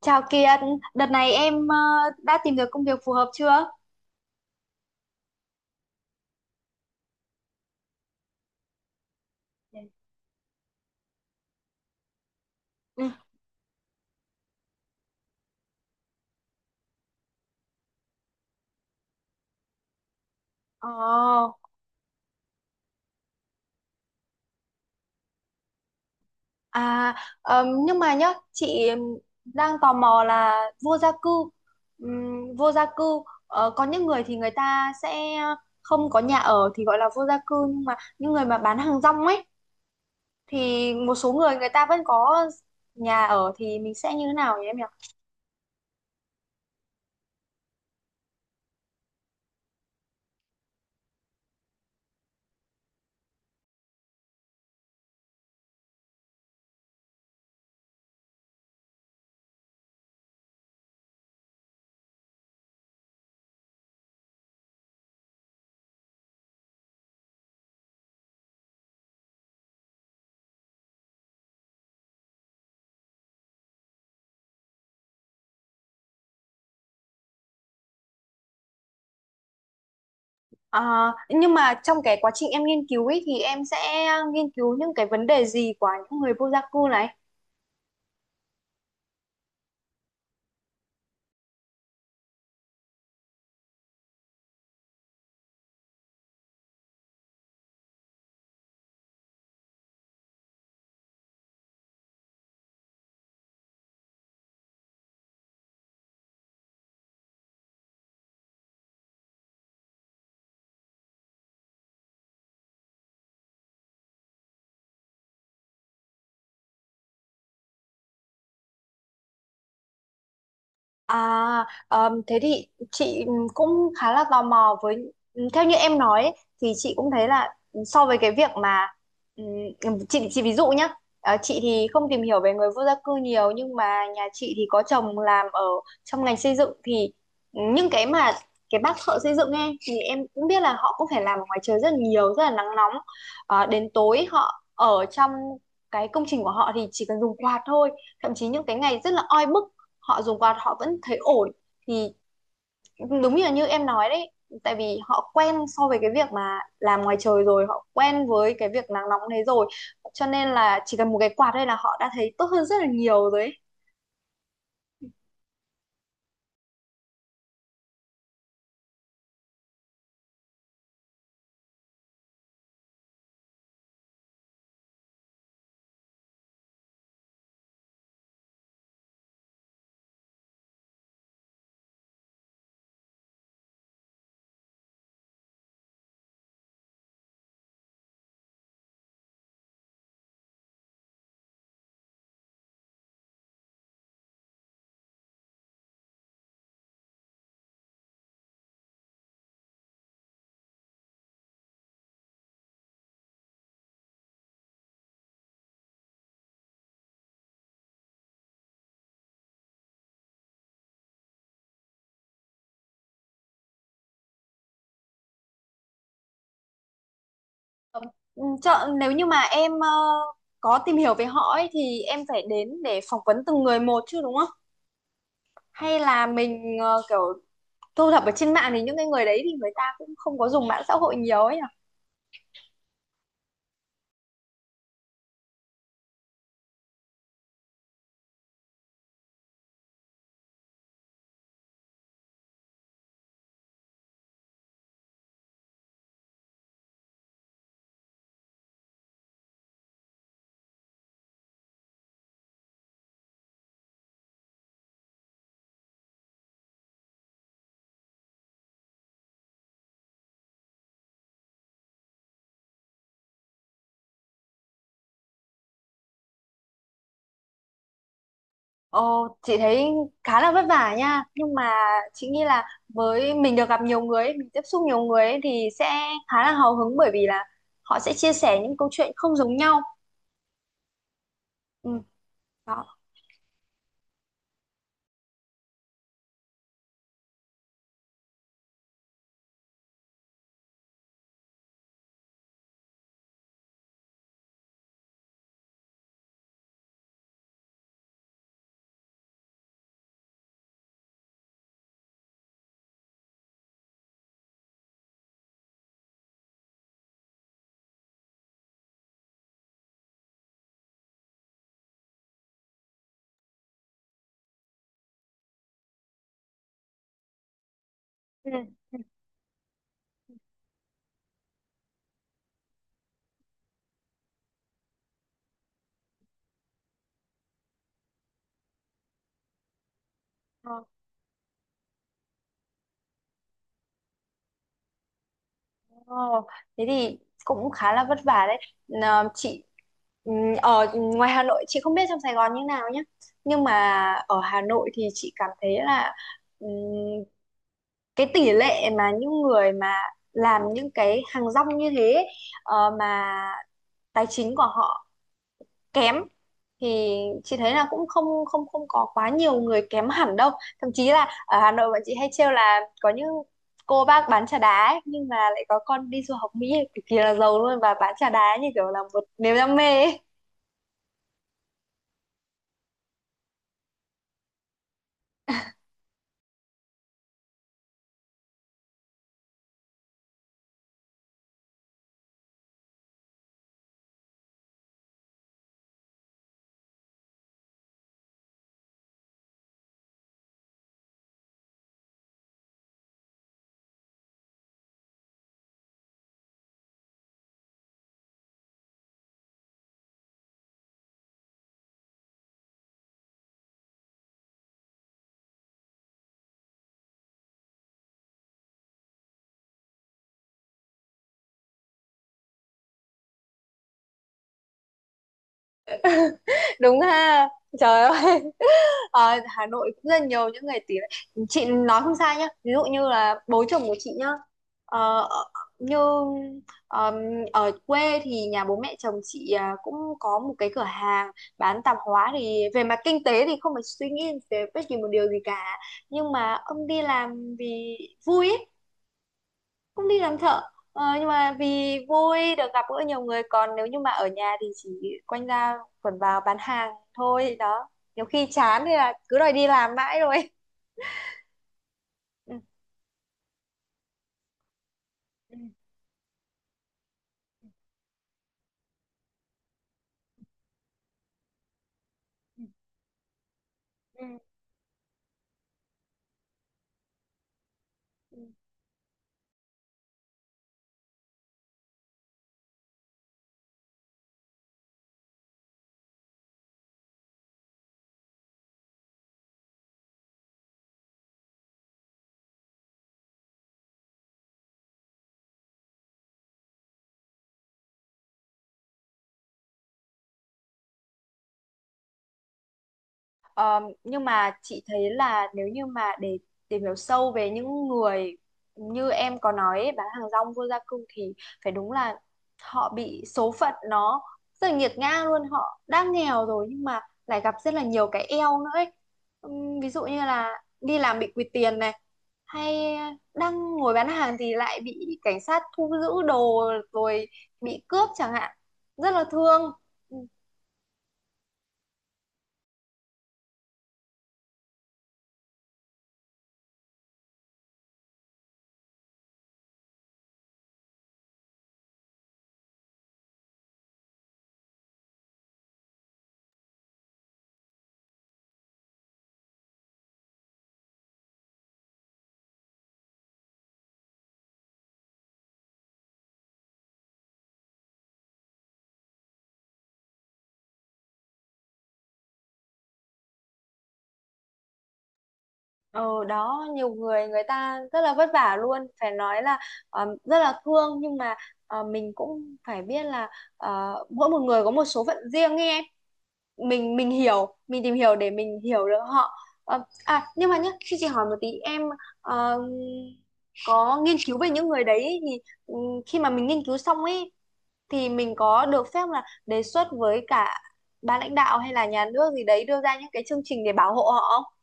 Chào Kiệt, đợt này em đã tìm được công việc phù hợp chưa? Ừ. Ồ, à, nhưng mà nhá, chị đang tò mò là vô gia cư. Vô gia cư, có những người thì người ta sẽ không có nhà ở thì gọi là vô gia cư, nhưng mà những người mà bán hàng rong ấy, thì một số người người ta vẫn có nhà ở thì mình sẽ như thế nào nhỉ em nhỉ? À, nhưng mà trong cái quá trình em nghiên cứu ấy thì em sẽ nghiên cứu những cái vấn đề gì của những người vô gia cư này? À, thế thì chị cũng khá là tò mò với theo như em nói ấy, thì chị cũng thấy là so với cái việc mà chị ví dụ nhá. Chị thì không tìm hiểu về người vô gia cư nhiều nhưng mà nhà chị thì có chồng làm ở trong ngành xây dựng thì những cái mà cái bác thợ xây dựng ấy thì em cũng biết là họ cũng phải làm ở ngoài trời rất là nhiều rất là nắng nóng. Đến tối họ ở trong cái công trình của họ thì chỉ cần dùng quạt thôi, thậm chí những cái ngày rất là oi bức họ dùng quạt họ vẫn thấy ổn thì đúng như là như em nói đấy, tại vì họ quen so với cái việc mà làm ngoài trời rồi, họ quen với cái việc nắng nóng đấy rồi cho nên là chỉ cần một cái quạt đây là họ đã thấy tốt hơn rất là nhiều rồi ấy. Ừ, Chợ, nếu như mà em có tìm hiểu về họ ấy thì em phải đến để phỏng vấn từng người một chứ đúng không? Hay là mình kiểu thu thập ở trên mạng thì những cái người đấy thì người ta cũng không có dùng mạng xã hội nhiều ấy nhỉ? Ồ, chị thấy khá là vất vả nha, nhưng mà chị nghĩ là với mình được gặp nhiều người ấy, mình tiếp xúc nhiều người ấy, thì sẽ khá là hào hứng bởi vì là họ sẽ chia sẻ những câu chuyện không giống nhau. Ừ, đó. Ừ. Ừ. Ồ, thế thì cũng khá là vất vả đấy. Nà, chị ừ, ở ngoài Hà Nội chị không biết trong Sài Gòn như nào nhé, nhưng mà ở Hà Nội thì chị cảm thấy là ừ, cái tỷ lệ mà những người mà làm những cái hàng rong như thế ấy, mà tài chính của họ kém thì chị thấy là cũng không không không có quá nhiều người kém hẳn đâu, thậm chí là ở Hà Nội bọn chị hay trêu là có những cô bác bán trà đá ấy, nhưng mà lại có con đi du học Mỹ cực kỳ là giàu luôn và bán trà đá như kiểu là một niềm đam mê ấy. Đúng ha, trời ơi. Ờ, Hà Nội cũng rất nhiều những người, tiếng chị nói không sai nhá, ví dụ như là bố chồng của chị nhá, ờ, ở- như ờm, ở quê thì nhà bố mẹ chồng chị cũng có một cái cửa hàng bán tạp hóa thì về mặt kinh tế thì không phải suy nghĩ về bất kỳ một điều gì cả, nhưng mà ông đi làm vì vui ý, không đi làm thợ. Nhưng mà vì vui được gặp gỡ nhiều người, còn nếu như mà ở nhà thì chỉ quanh ra quẩn vào bán hàng thôi đó, nhiều khi chán thì là cứ đòi đi làm mãi rồi. Ừ. Ừ, ừ, ừ, ừ. Ờ, nhưng mà chị thấy là nếu như mà để tìm hiểu sâu về những người như em có nói ấy, bán hàng rong vô gia cư, thì phải đúng là họ bị số phận nó rất là nghiệt ngã luôn, họ đã nghèo rồi nhưng mà lại gặp rất là nhiều cái eo nữa ấy. Ví dụ như là đi làm bị quỵt tiền này, hay đang ngồi bán hàng thì lại bị cảnh sát thu giữ đồ, rồi bị cướp chẳng hạn, rất là thương. Ờ đó nhiều người người ta rất là vất vả luôn, phải nói là rất là thương, nhưng mà mình cũng phải biết là mỗi một người có một số phận riêng ấy em, mình hiểu, mình tìm hiểu để mình hiểu được họ. À nhưng mà nhá khi chị hỏi một tí em ờ, có nghiên cứu về những người đấy ấy, thì ừ, khi mà mình nghiên cứu xong ấy thì mình có được phép là đề xuất với cả ban lãnh đạo hay là nhà nước gì đấy đưa ra những cái chương trình để bảo hộ họ?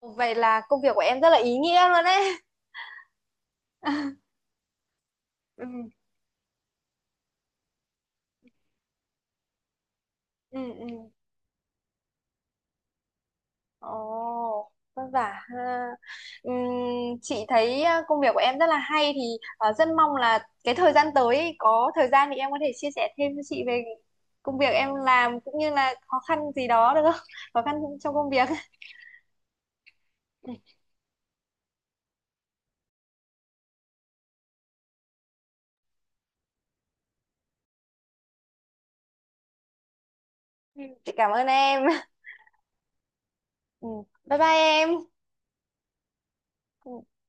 Vậy là công việc của em rất là ý nghĩa luôn đấy. Ừ, ừ, ừ. Ồ, vất vả ha. Ừm, chị thấy công việc của em rất là hay thì rất mong là cái thời gian tới ấy, có thời gian thì em có thể chia sẻ thêm với chị về công việc em làm cũng như là khó khăn gì đó được không? Khó khăn trong công việc. Ừ, chị cảm ơn em. Ừ, bye bye em.